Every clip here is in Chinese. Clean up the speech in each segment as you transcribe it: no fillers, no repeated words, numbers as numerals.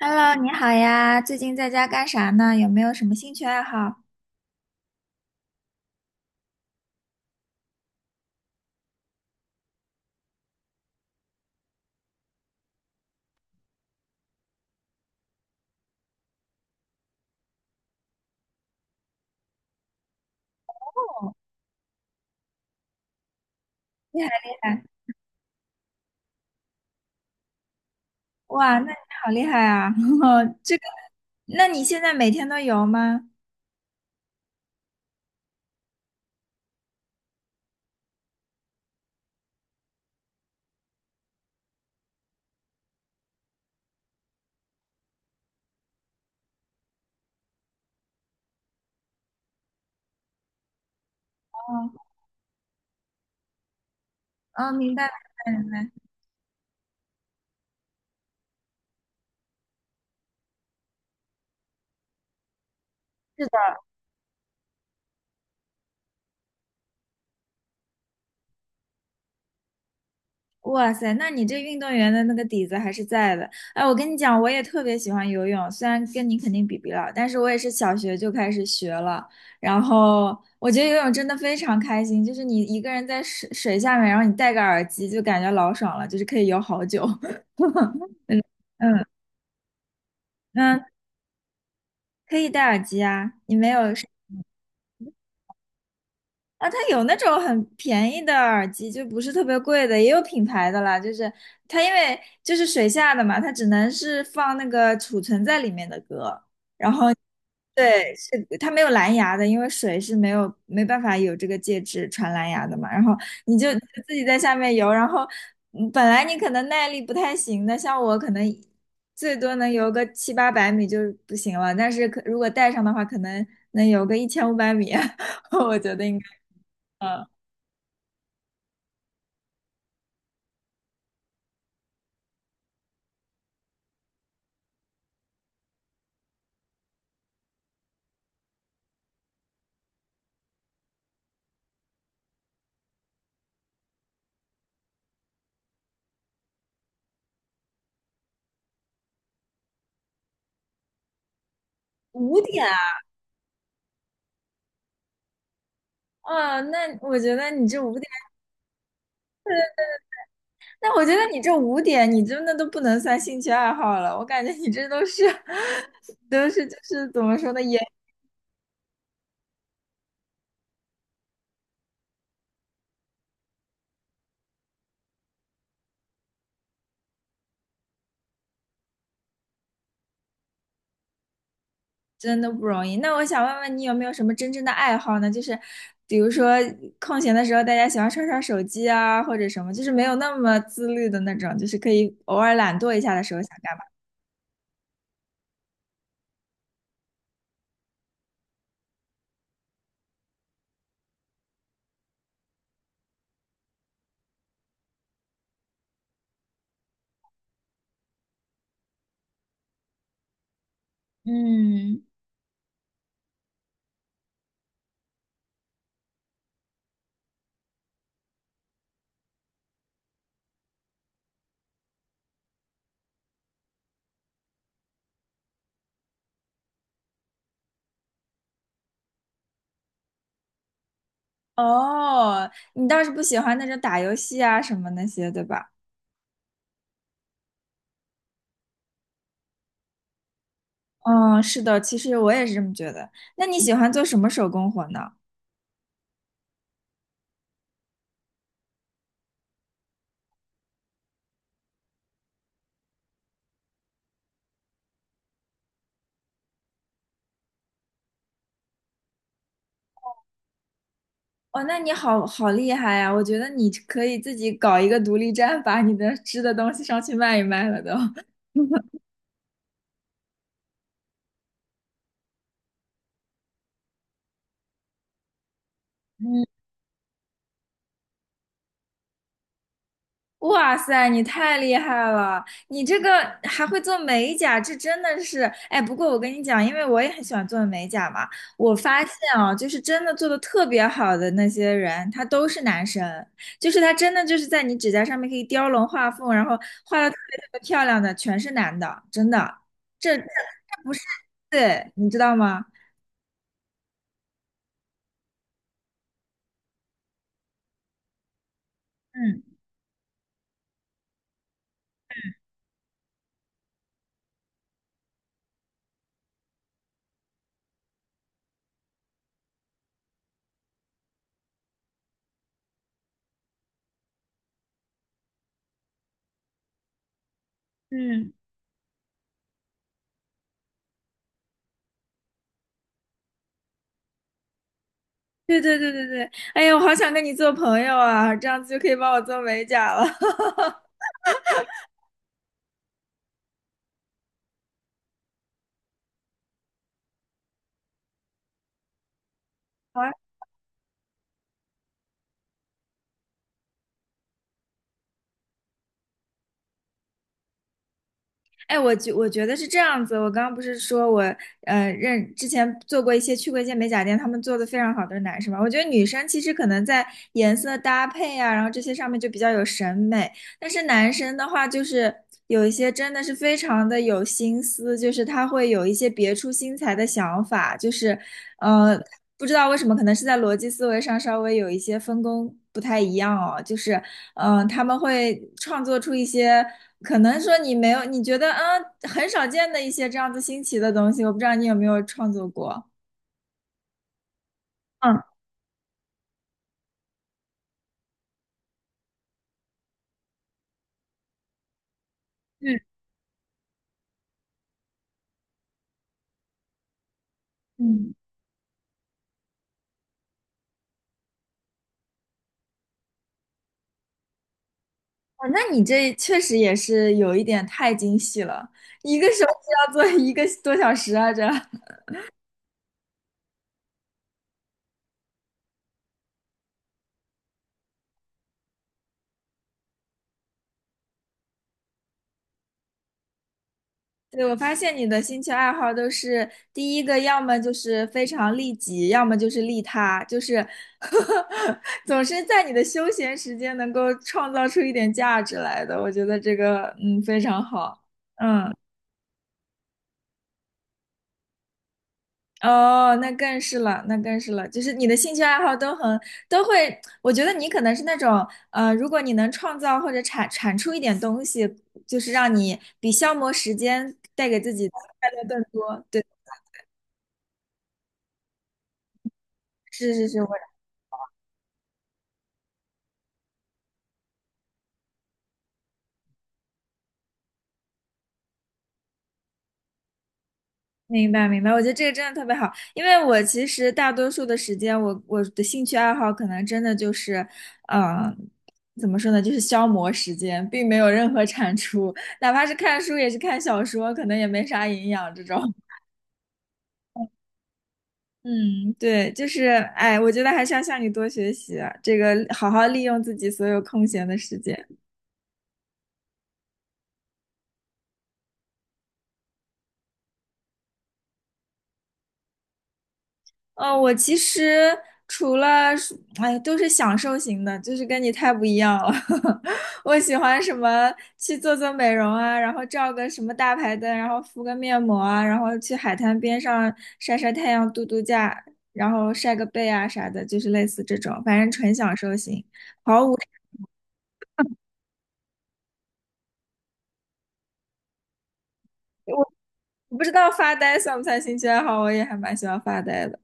Hello，你好呀，最近在家干啥呢？有没有什么兴趣爱好？哦，厉害厉害。哇，那你好厉害啊！这个，那你现在每天都游吗？哦。哦，明白明白明白。哇塞，那你这运动员的那个底子还是在的。哎，我跟你讲，我也特别喜欢游泳，虽然跟你肯定比不了，但是我也是小学就开始学了。然后我觉得游泳真的非常开心，就是你一个人在水下面，然后你戴个耳机，就感觉老爽了，就是可以游好久。嗯嗯，嗯，可以戴耳机啊，你没有啊？它有那种很便宜的耳机，就不是特别贵的，也有品牌的啦。就是它因为就是水下的嘛，它只能是放那个储存在里面的歌。对，是它没有蓝牙的，因为水是没有没办法有这个介质传蓝牙的嘛。然后你就自己在下面游，然后本来你可能耐力不太行的，像我可能最多能游个七八百米就不行了，但是可如果带上的话，可能能游个1500米，我觉得应该。嗯，五点啊？哦，那我觉得你这五点，那我觉得你这五点，你真的都不能算兴趣爱好了，我感觉你这都是 都是就是怎么说呢，也。真的不容易。那我想问问你有没有什么真正的爱好呢？就是比如说空闲的时候，大家喜欢刷刷手机啊，或者什么，就是没有那么自律的那种，就是可以偶尔懒惰一下的时候想干嘛。嗯。哦，你倒是不喜欢那种打游戏啊什么那些，对吧？嗯，是的，其实我也是这么觉得。那你喜欢做什么手工活呢？哦，那你好好厉害呀！我觉得你可以自己搞一个独立站，把你的织的东西上去卖一卖了都。哇塞，你太厉害了！你这个还会做美甲，这真的是……哎，不过我跟你讲，因为我也很喜欢做美甲嘛，我发现啊，就是真的做的特别好的那些人，他都是男生，就是他真的就是在你指甲上面可以雕龙画凤，然后画的特别特别漂亮的，全是男的，真的。这不是，对，你知道吗？嗯嗯，对对对对对，哎呀，我好想跟你做朋友啊，这样子就可以帮我做美甲了。哎，我觉得是这样子。我刚刚不是说我之前做过一些去过一些美甲店，他们做的非常好的男生嘛。我觉得女生其实可能在颜色搭配啊，然后这些上面就比较有审美。但是男生的话，就是有一些真的是非常的有心思，就是他会有一些别出心裁的想法，就是，呃，不知道为什么，可能是在逻辑思维上稍微有一些分工不太一样哦，就是，他们会创作出一些可能说你没有，你觉得很少见的一些这样子新奇的东西，我不知道你有没有创作过。嗯嗯嗯。哦，那你这确实也是有一点太精细了，一个手指要做一个多小时啊，这。对，我发现你的兴趣爱好都是第一个，要么就是非常利己，要么就是利他，就是 总是在你的休闲时间能够创造出一点价值来的，我觉得这个非常好。嗯。哦，那更是了，那更是了，就是你的兴趣爱好都会，我觉得你可能是那种，如果你能创造或者产出一点东西，就是让你比消磨时间带给自己的快乐更多。对，是是是，我明白明白，我觉得这个真的特别好，因为我其实大多数的时间，我的兴趣爱好可能真的就是，嗯、怎么说呢，就是消磨时间，并没有任何产出，哪怕是看书也是看小说，可能也没啥营养这种。嗯，对，就是，哎，我觉得还是要向你多学习啊，这个好好利用自己所有空闲的时间。哦，我其实除了是，哎，都是享受型的，就是跟你太不一样了。我喜欢什么去做做美容啊，然后照个什么大排灯，然后敷个面膜啊，然后去海滩边上晒晒太阳、度度假，然后晒个背啊啥的，就是类似这种，反正纯享受型。我不知道发呆算不算兴趣爱好，我也还蛮喜欢发呆的。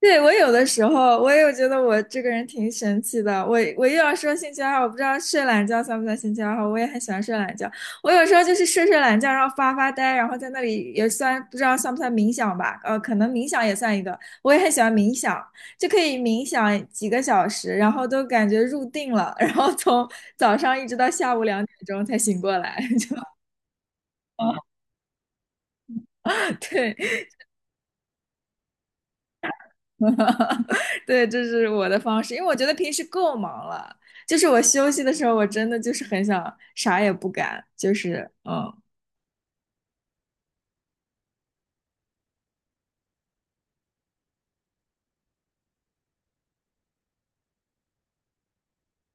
对，我有的时候我也有觉得我这个人挺神奇的。我又要说兴趣爱好，我不知道睡懒觉算不算兴趣爱好。我也很喜欢睡懒觉。我有时候就是睡睡懒觉，然后发发呆，然后在那里也算不知道算不算冥想吧？可能冥想也算一个。我也很喜欢冥想，就可以冥想几个小时，然后都感觉入定了，然后从早上一直到下午2点钟才醒过来，就对。对，这是我的方式，因为我觉得平时够忙了，就是我休息的时候，我真的就是很想啥也不干，就是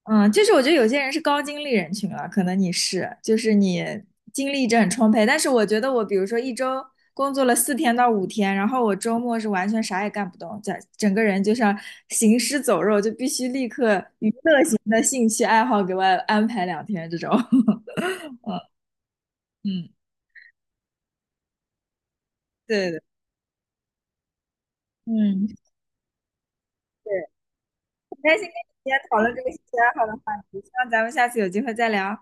嗯，就是我觉得有些人是高精力人群了，可能你是，就是你精力一直很充沛，但是我觉得我比如说一周工作了4天到5天，然后我周末是完全啥也干不动，整个人就像行尸走肉，就必须立刻娱乐型的兴趣爱好给我安排2天这种，嗯，对的，嗯。对。很开心跟你今天讨论这个兴趣爱好的话题，希望咱们下次有机会再聊。